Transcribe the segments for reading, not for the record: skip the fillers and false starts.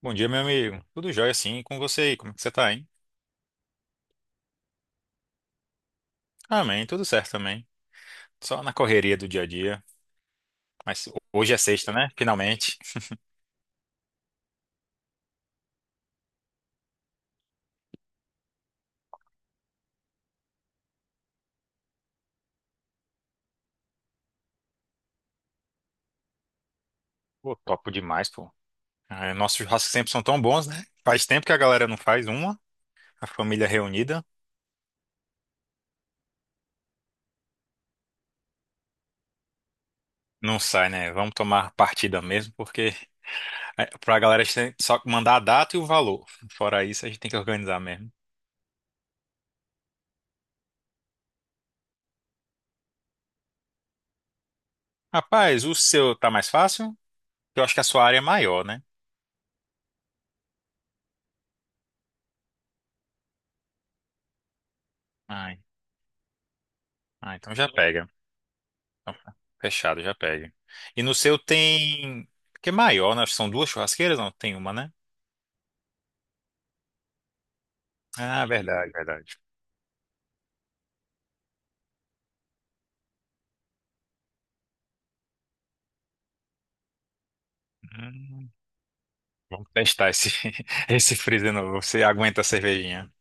Bom dia, meu amigo. Tudo jóia, sim. E com você aí? Como é que você tá, hein? Amém, tudo certo também. Só na correria do dia a dia. Mas hoje é sexta, né? Finalmente. Pô, topo demais, pô. Ah, nossos churrascos sempre são tão bons, né? Faz tempo que a galera não faz uma, a família reunida. Não sai, né? Vamos tomar partida mesmo, porque é, pra galera a gente tem que só mandar a data e o valor. Fora isso, a gente tem que organizar mesmo. Rapaz, o seu tá mais fácil? Eu acho que a sua área é maior, né? Ai, ah, então já pega. Opa, fechado, já pede. E no seu tem. Que é maior, né? São duas churrasqueiras? Não, tem uma, né? Ah, verdade, verdade. Hum, vamos testar esse, esse freezer novo. Você aguenta a cervejinha?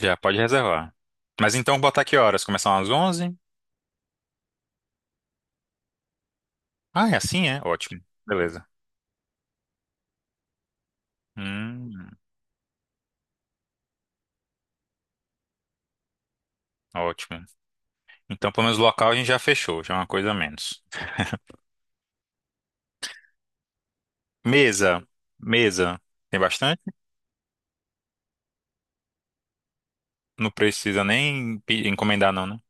Já pode reservar. Mas então, botar que horas? Começar às 11? Ah, é assim, é? Ótimo. Beleza. Hum, ótimo. Então, pelo menos o local a gente já fechou, já é uma coisa a menos. Mesa. Mesa. Tem bastante? Não precisa nem encomendar, não, né?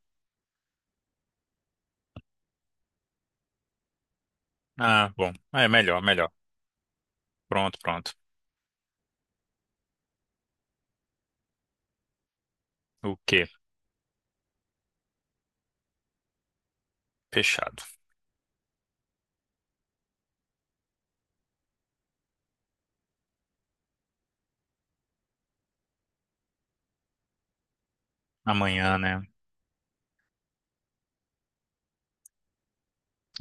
Ah, bom. É melhor, melhor. Pronto, pronto. O quê? Fechado. Amanhã, né?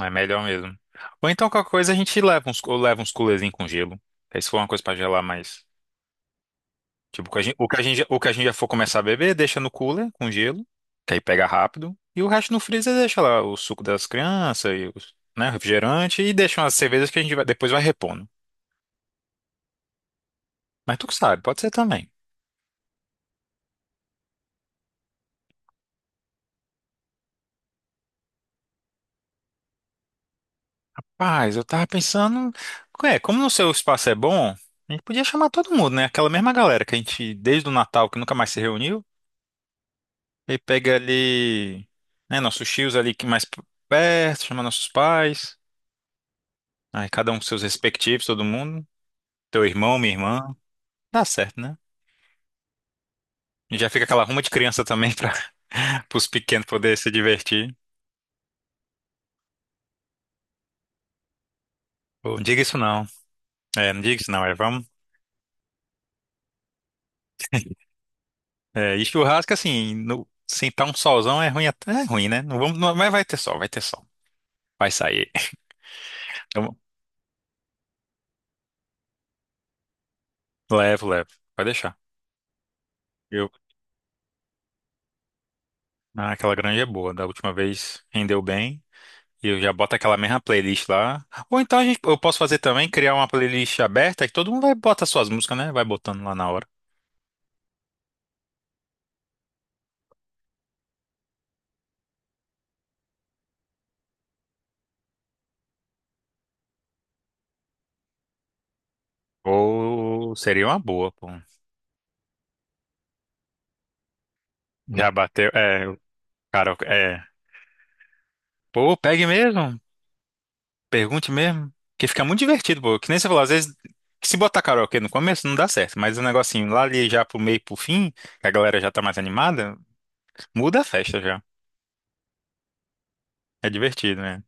É melhor mesmo. Ou então qualquer coisa a gente leva uns coolerzinhos com gelo. Aí se for uma coisa pra gelar mais. Tipo, o que a gente, o que a gente, já- o que a gente já for começar a beber, deixa no cooler com gelo, que aí pega rápido. E o resto no freezer deixa lá o suco das crianças e os, né, refrigerante e deixa umas cervejas que a gente vai, depois vai repondo. Mas tu que sabe, pode ser também. Mas eu tava pensando, como no seu espaço é bom, a gente podia chamar todo mundo, né? Aquela mesma galera que a gente desde o Natal que nunca mais se reuniu. E pega ali, né, nossos tios ali que mais perto, chama nossos pais. Aí cada um com seus respectivos, todo mundo. Teu irmão, minha irmã. Dá certo, né? E já fica aquela ruma de criança também para os pequenos poderem se divertir. Pô, não diga isso não. É, não diga isso não, é, vamos. É, e churrasco, assim, no, sentar um solzão é ruim, até, é ruim, né? Não vamos, mas vai ter sol, vai ter sol. Vai sair. Então, levo, levo. Vai deixar. Eu, aquela granja é boa. Da última vez rendeu bem. E eu já boto aquela mesma playlist lá. Ou então eu posso fazer também, criar uma playlist aberta que todo mundo vai botar suas músicas, né? Vai botando lá na hora. Ou seria uma boa, pô. Já bateu. É, o cara, é. Pô, pegue mesmo. Pergunte mesmo. Que fica muito divertido, pô. Que nem você falou, às vezes, se botar karaokê no começo não dá certo, mas o negocinho lá ali já pro meio, pro fim, que a galera já tá mais animada, muda a festa já. É divertido, né?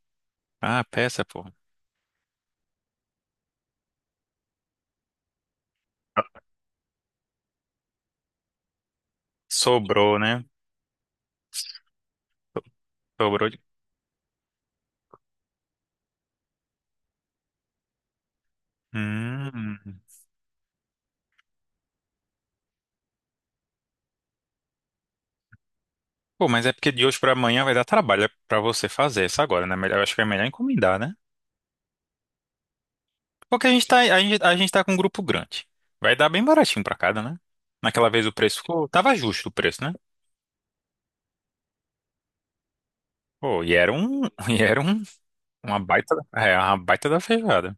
Ah, peça, pô. Sobrou, né? Sobrou de. Hum. Pô, mas é porque de hoje pra amanhã vai dar trabalho é pra você fazer isso agora, né? Eu acho que é melhor encomendar, né? Porque a gente tá com um grupo grande. Vai dar bem baratinho pra cada, né? Naquela vez o preço ficou, tava justo o preço, né? Pô, e era um, e era um, uma baita da feijoada.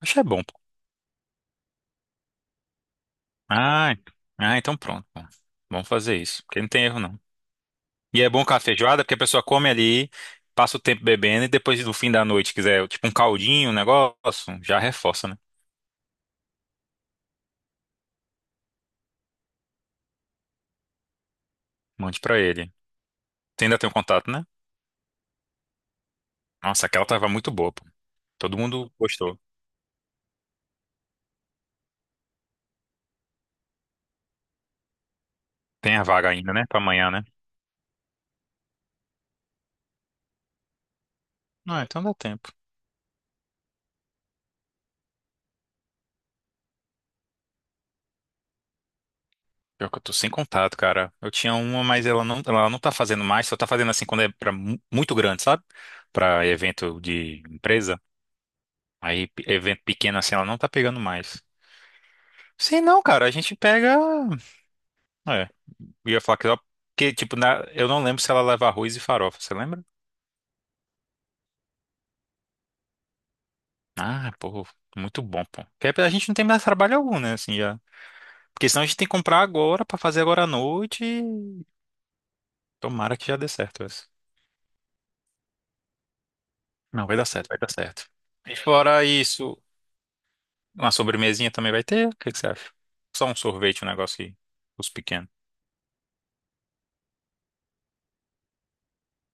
Acho que é bom, pô. Ah, ent- então pronto, pô. Vamos fazer isso, porque não tem erro não. E é bom com a feijoada, porque a pessoa come ali, passa o tempo bebendo e depois no fim da noite quiser, tipo um caldinho, um negócio, já reforça, né? Mande pra ele. Você ainda tem o contato, né? Nossa, aquela tava muito boa, pô. Todo mundo gostou. Tem a vaga ainda, né? Pra amanhã, né? Ah, então dá tempo. Pior que eu tô sem contato, cara. Eu tinha uma, mas ela não tá fazendo mais, só tá fazendo assim quando é pra muito grande, sabe? Pra evento de empresa. Aí, evento pequeno assim, ela não tá pegando mais. Sim, não, cara, a gente pega. É, eu ia falar que só. Porque, tipo, eu não lembro se ela leva arroz e farofa, você lembra? Ah, pô, muito bom, pô. Porque a gente não tem mais trabalho algum, né? Assim, já. Porque senão a gente tem que comprar agora pra fazer agora à noite, e tomara que já dê certo essa. Não, vai dar certo, vai dar certo. E fora isso, uma sobremesinha também vai ter? O que que você acha? Só um sorvete, um negócio que os pequenos.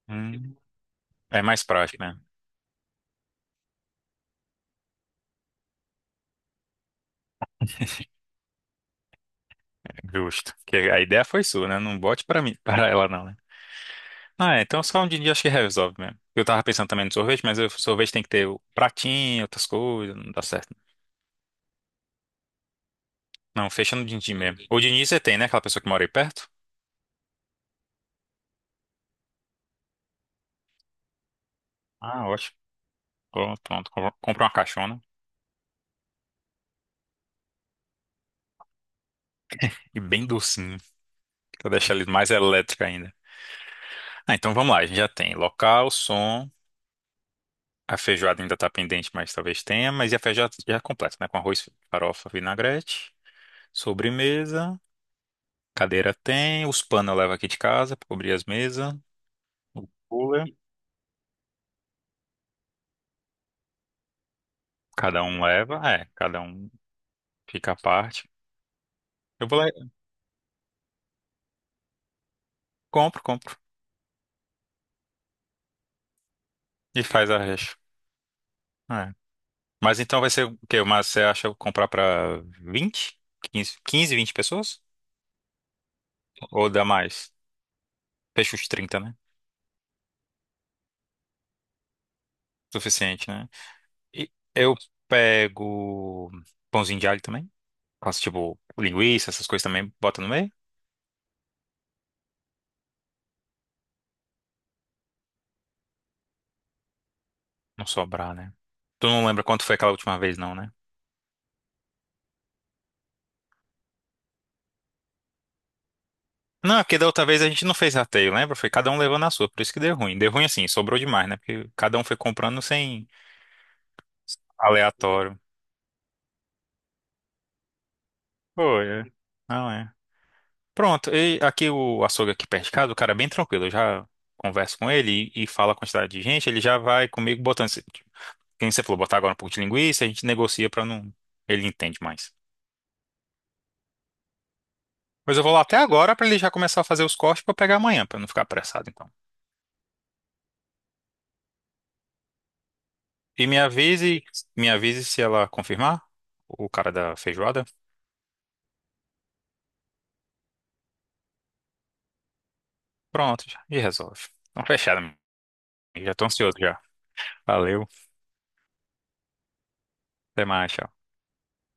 Hum, é mais prático, né? Justo. Porque a ideia foi sua, né? Não bote pra mim, para ela não, né? Então só um dia acho que resolve mesmo. Eu tava pensando também no sorvete, mas o sorvete tem que ter o pratinho, outras coisas, não dá certo. Não, fecha no din-din mesmo. O din-din você tem, né? Aquela pessoa que mora aí perto? Ah, ótimo. Pronto, pronto. Compra uma caixona. E bem docinho, pra deixar ele mais elétrico ainda. Ah, então vamos lá, a gente já tem local, som, a feijoada ainda tá pendente, mas talvez tenha, mas e a feijoada já é completa, né? Com arroz, farofa, vinagrete, sobremesa, cadeira tem, os panos eu levo aqui de casa pra cobrir as mesas, o cooler, cada um leva, é, cada um fica à parte. Eu vou lá, e compro e faz a recha. É. Mas então vai ser o quê? Mas você acha comprar pra 20 15 15 20 pessoas? Ou dá mais? Fecha os 30, né? Suficiente, né? E eu pego pãozinho de alho também. Faço tipo linguiça, essas coisas também, bota no meio. Não sobrar, né? Tu não lembra quanto foi aquela última vez, não, né? Não, é porque da outra vez a gente não fez rateio, lembra? Foi cada um levando a sua, por isso que deu ruim. Deu ruim assim, sobrou demais, né? Porque cada um foi comprando sem aleatório. Foi, é. Não é. Pronto, e aqui o açougue aqui perto de casa, o cara é bem tranquilo. Eu já converso com ele e falo a quantidade de gente, ele já vai comigo botando. Quem você falou, botar agora um pouco de linguiça, a gente negocia pra não. Ele entende mais. Mas eu vou lá até agora pra ele já começar a fazer os cortes pra eu pegar amanhã, pra eu não ficar apressado, então. E me avise se ela confirmar o cara da feijoada. Pronto, já, e resolve. Então, fechado, amigo. Já tô ansioso já. Valeu, até mais. Tchau.